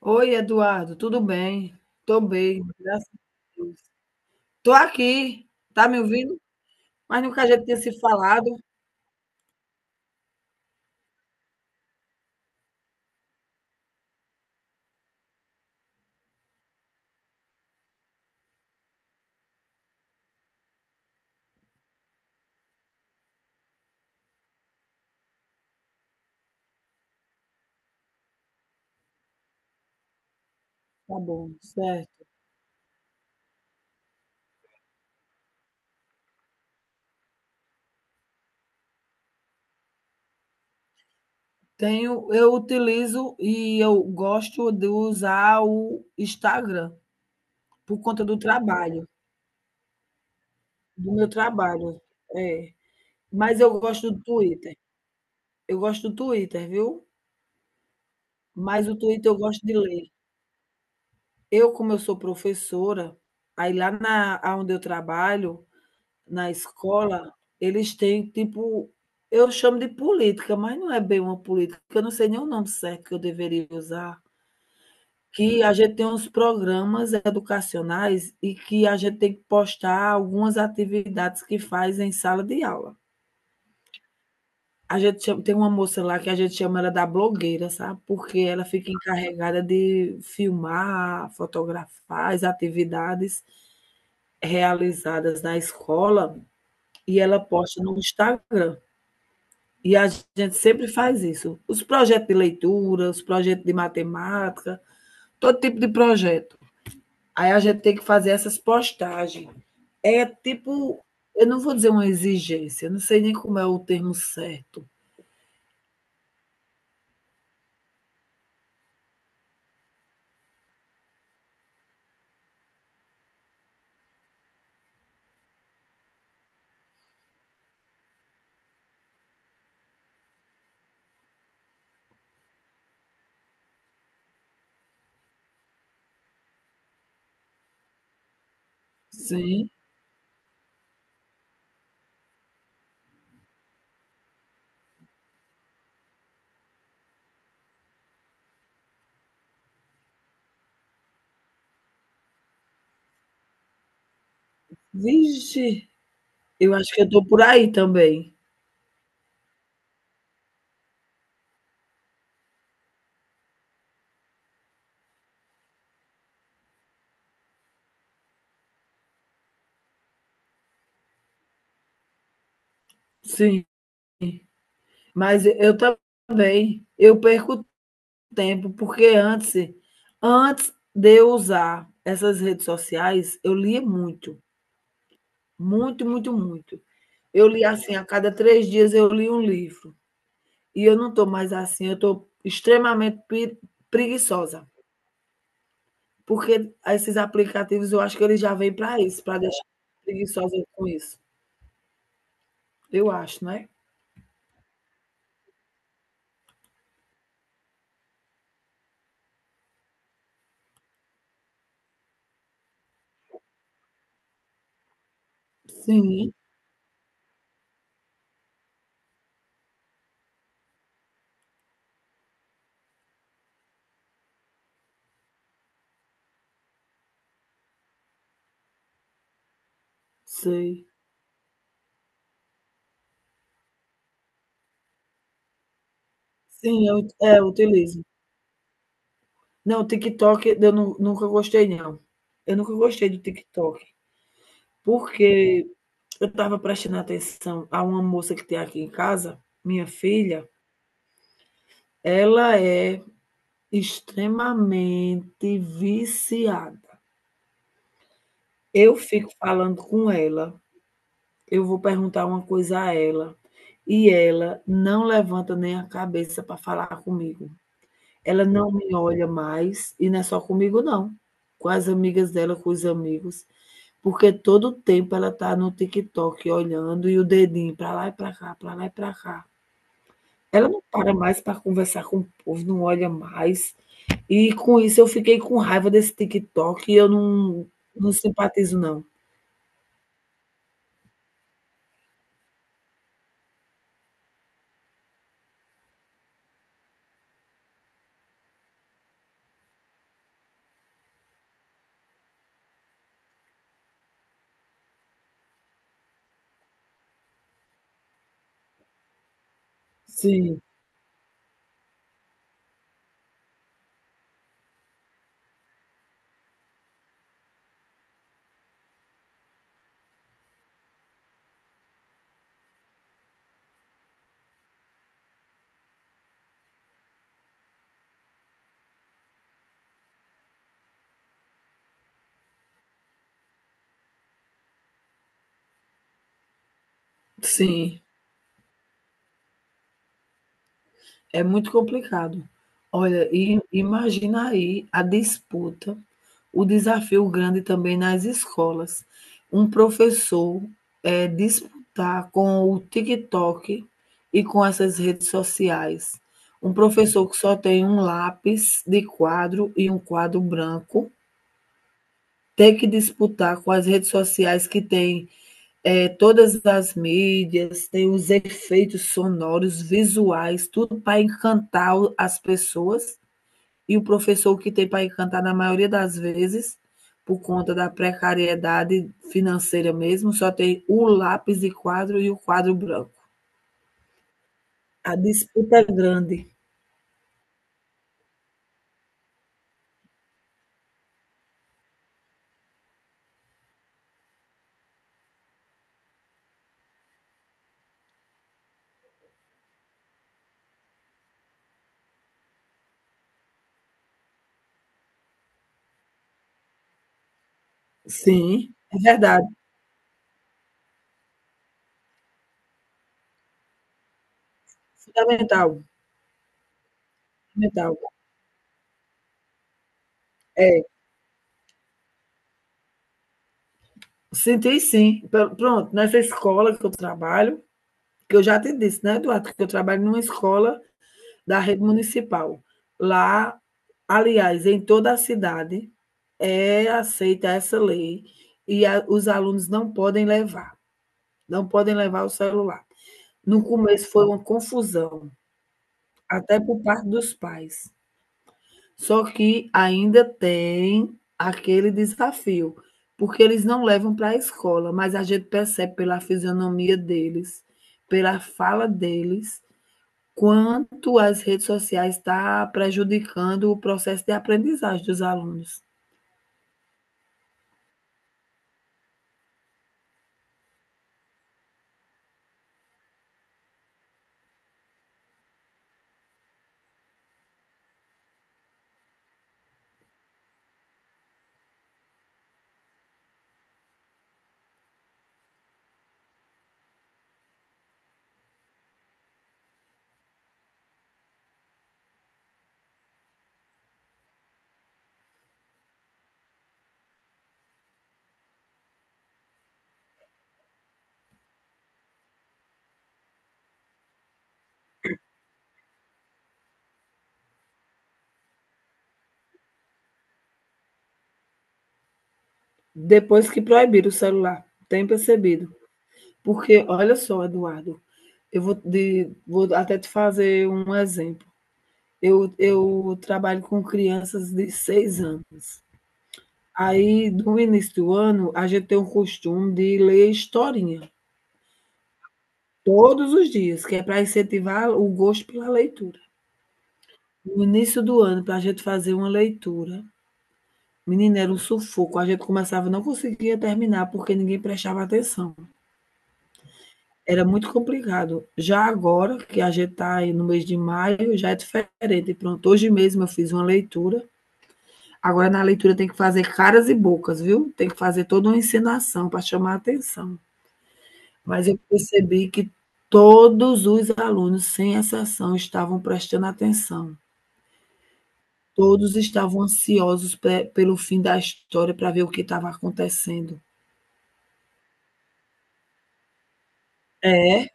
Oi, Eduardo, tudo bem? Tô bem, graças a Deus. Tô aqui, tá me ouvindo? Mas nunca a gente tinha se falado. Tá bom, certo. Tenho, eu utilizo e eu gosto de usar o Instagram por conta do trabalho, do meu trabalho. É, mas eu gosto do Twitter. Eu gosto do Twitter, viu? Mas o Twitter eu gosto de ler. Eu, como eu sou professora, aí lá na aonde eu trabalho, na escola, eles têm tipo, eu chamo de política, mas não é bem uma política, eu não sei nem o nome certo que eu deveria usar, que a gente tem uns programas educacionais e que a gente tem que postar algumas atividades que faz em sala de aula. A gente chama, tem uma moça lá que a gente chama ela da blogueira, sabe, porque ela fica encarregada de filmar, fotografar as atividades realizadas na escola e ela posta no Instagram. E a gente sempre faz isso. Os projetos de leitura, os projetos de matemática, todo tipo de projeto. Aí a gente tem que fazer essas postagens. É tipo, eu não vou dizer uma exigência, não sei nem como é o termo certo. Sim. Vixe, eu acho que eu estou por aí também. Sim. Mas eu também, eu perco tempo, porque antes, antes de eu usar essas redes sociais, eu lia muito, muito, muito, muito. Eu li assim, a cada 3 dias eu li um livro. E eu não estou mais assim, eu estou extremamente preguiçosa, porque esses aplicativos eu acho que eles já vêm para isso, para deixar preguiçosa com isso. Eu acho, né? Sim, sei. Sim, eu utilizo. Não, TikTok eu nu nunca gostei, não. Eu nunca gostei do TikTok, porque eu estava prestando atenção a uma moça que tem aqui em casa, minha filha, ela é extremamente viciada. Eu fico falando com ela, eu vou perguntar uma coisa a ela, e ela não levanta nem a cabeça para falar comigo. Ela não me olha mais, e não é só comigo não, com as amigas dela, com os amigos, porque todo o tempo ela está no TikTok olhando e o dedinho para lá e para cá, para lá e para cá. Ela não para mais para conversar com o povo, não olha mais. E com isso eu fiquei com raiva desse TikTok e eu não simpatizo, não. Sim, sim. É muito complicado. Olha, e imagina aí a disputa, o desafio grande também nas escolas. Um professor, disputar com o TikTok e com essas redes sociais. Um professor que só tem um lápis de quadro e um quadro branco, ter que disputar com as redes sociais que tem é, todas as mídias, tem os efeitos sonoros, visuais, tudo para encantar as pessoas. E o professor que tem para encantar, na maioria das vezes, por conta da precariedade financeira mesmo, só tem o lápis de quadro e o quadro branco. A disputa é grande. Sim, é verdade. Fundamental. Fundamental. É, senti, sim. Pronto, nessa escola que eu trabalho, que eu já te disse, né, Eduardo, que eu trabalho numa escola da rede municipal. Lá, aliás, em toda a cidade, é aceita essa lei e a, os alunos não podem levar, não podem levar o celular. No começo foi uma confusão, até por parte dos pais. Só que ainda tem aquele desafio, porque eles não levam para a escola, mas a gente percebe pela fisionomia deles, pela fala deles, quanto as redes sociais tá prejudicando o processo de aprendizagem dos alunos, depois que proibiram o celular, tem percebido. Porque olha só, Eduardo, vou até te fazer um exemplo. Eu trabalho com crianças de 6 anos. Aí, no início do ano, a gente tem o costume de ler historinha todos os dias, que é para incentivar o gosto pela leitura. No início do ano, para a gente fazer uma leitura, menina, era um sufoco. A gente começava e não conseguia terminar porque ninguém prestava atenção. Era muito complicado. Já agora, que a gente está aí no mês de maio, já é diferente. Pronto, hoje mesmo eu fiz uma leitura. Agora, na leitura, tem que fazer caras e bocas, viu? Tem que fazer toda uma encenação para chamar a atenção. Mas eu percebi que todos os alunos, sem exceção, estavam prestando atenção. Todos estavam ansiosos pelo fim da história para ver o que estava acontecendo. É,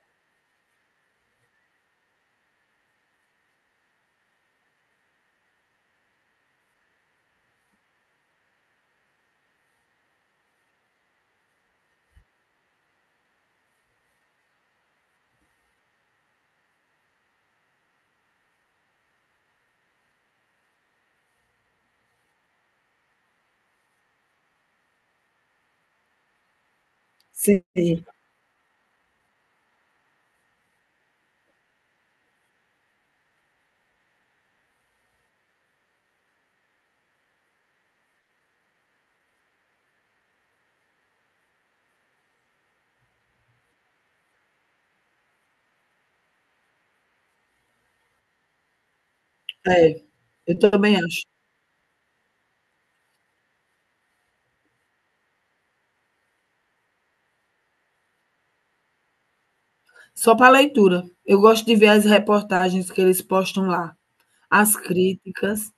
sim, é. Eu também acho. Só para leitura. Eu gosto de ver as reportagens que eles postam lá, as críticas.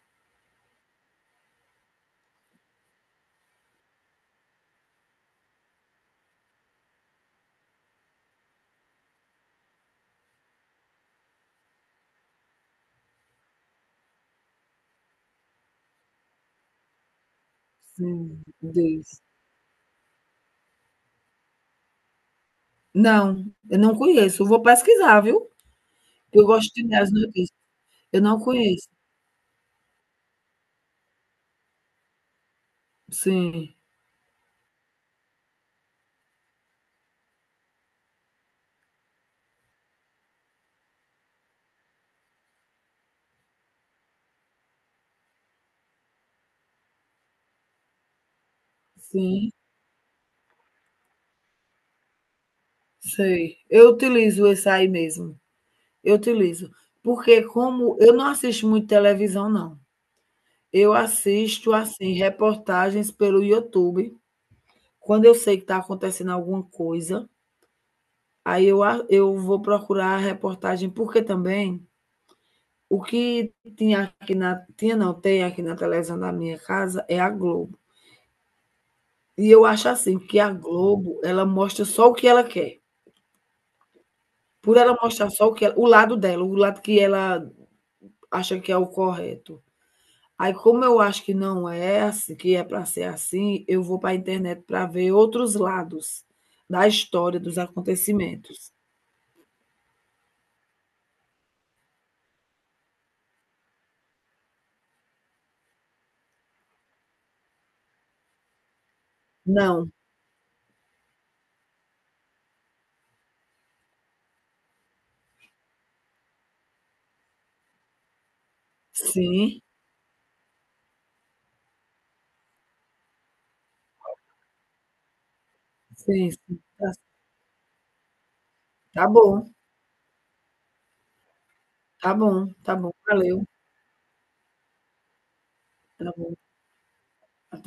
Sim, Deus. Não, eu não conheço. Eu vou pesquisar, viu? Eu gosto de ler as notícias. Eu não conheço. Sim, sim, sei. Eu utilizo esse aí mesmo. Eu utilizo. Porque como eu não assisto muito televisão, não. Eu assisto, assim, reportagens pelo YouTube. Quando eu sei que está acontecendo alguma coisa, aí eu vou procurar a reportagem, porque também o que tinha aqui na tinha não, tem aqui na televisão da minha casa é a Globo. E eu acho assim, que a Globo, ela mostra só o que ela quer. Por ela mostrar só o que ela o lado dela, o lado que ela acha que é o correto. Aí como eu acho que não é assim, que é para ser assim, eu vou para a internet para ver outros lados da história, dos acontecimentos. Não. Sim, sim, sim. Tá tá bom. Tá bom, tá bom, valeu, tá bom.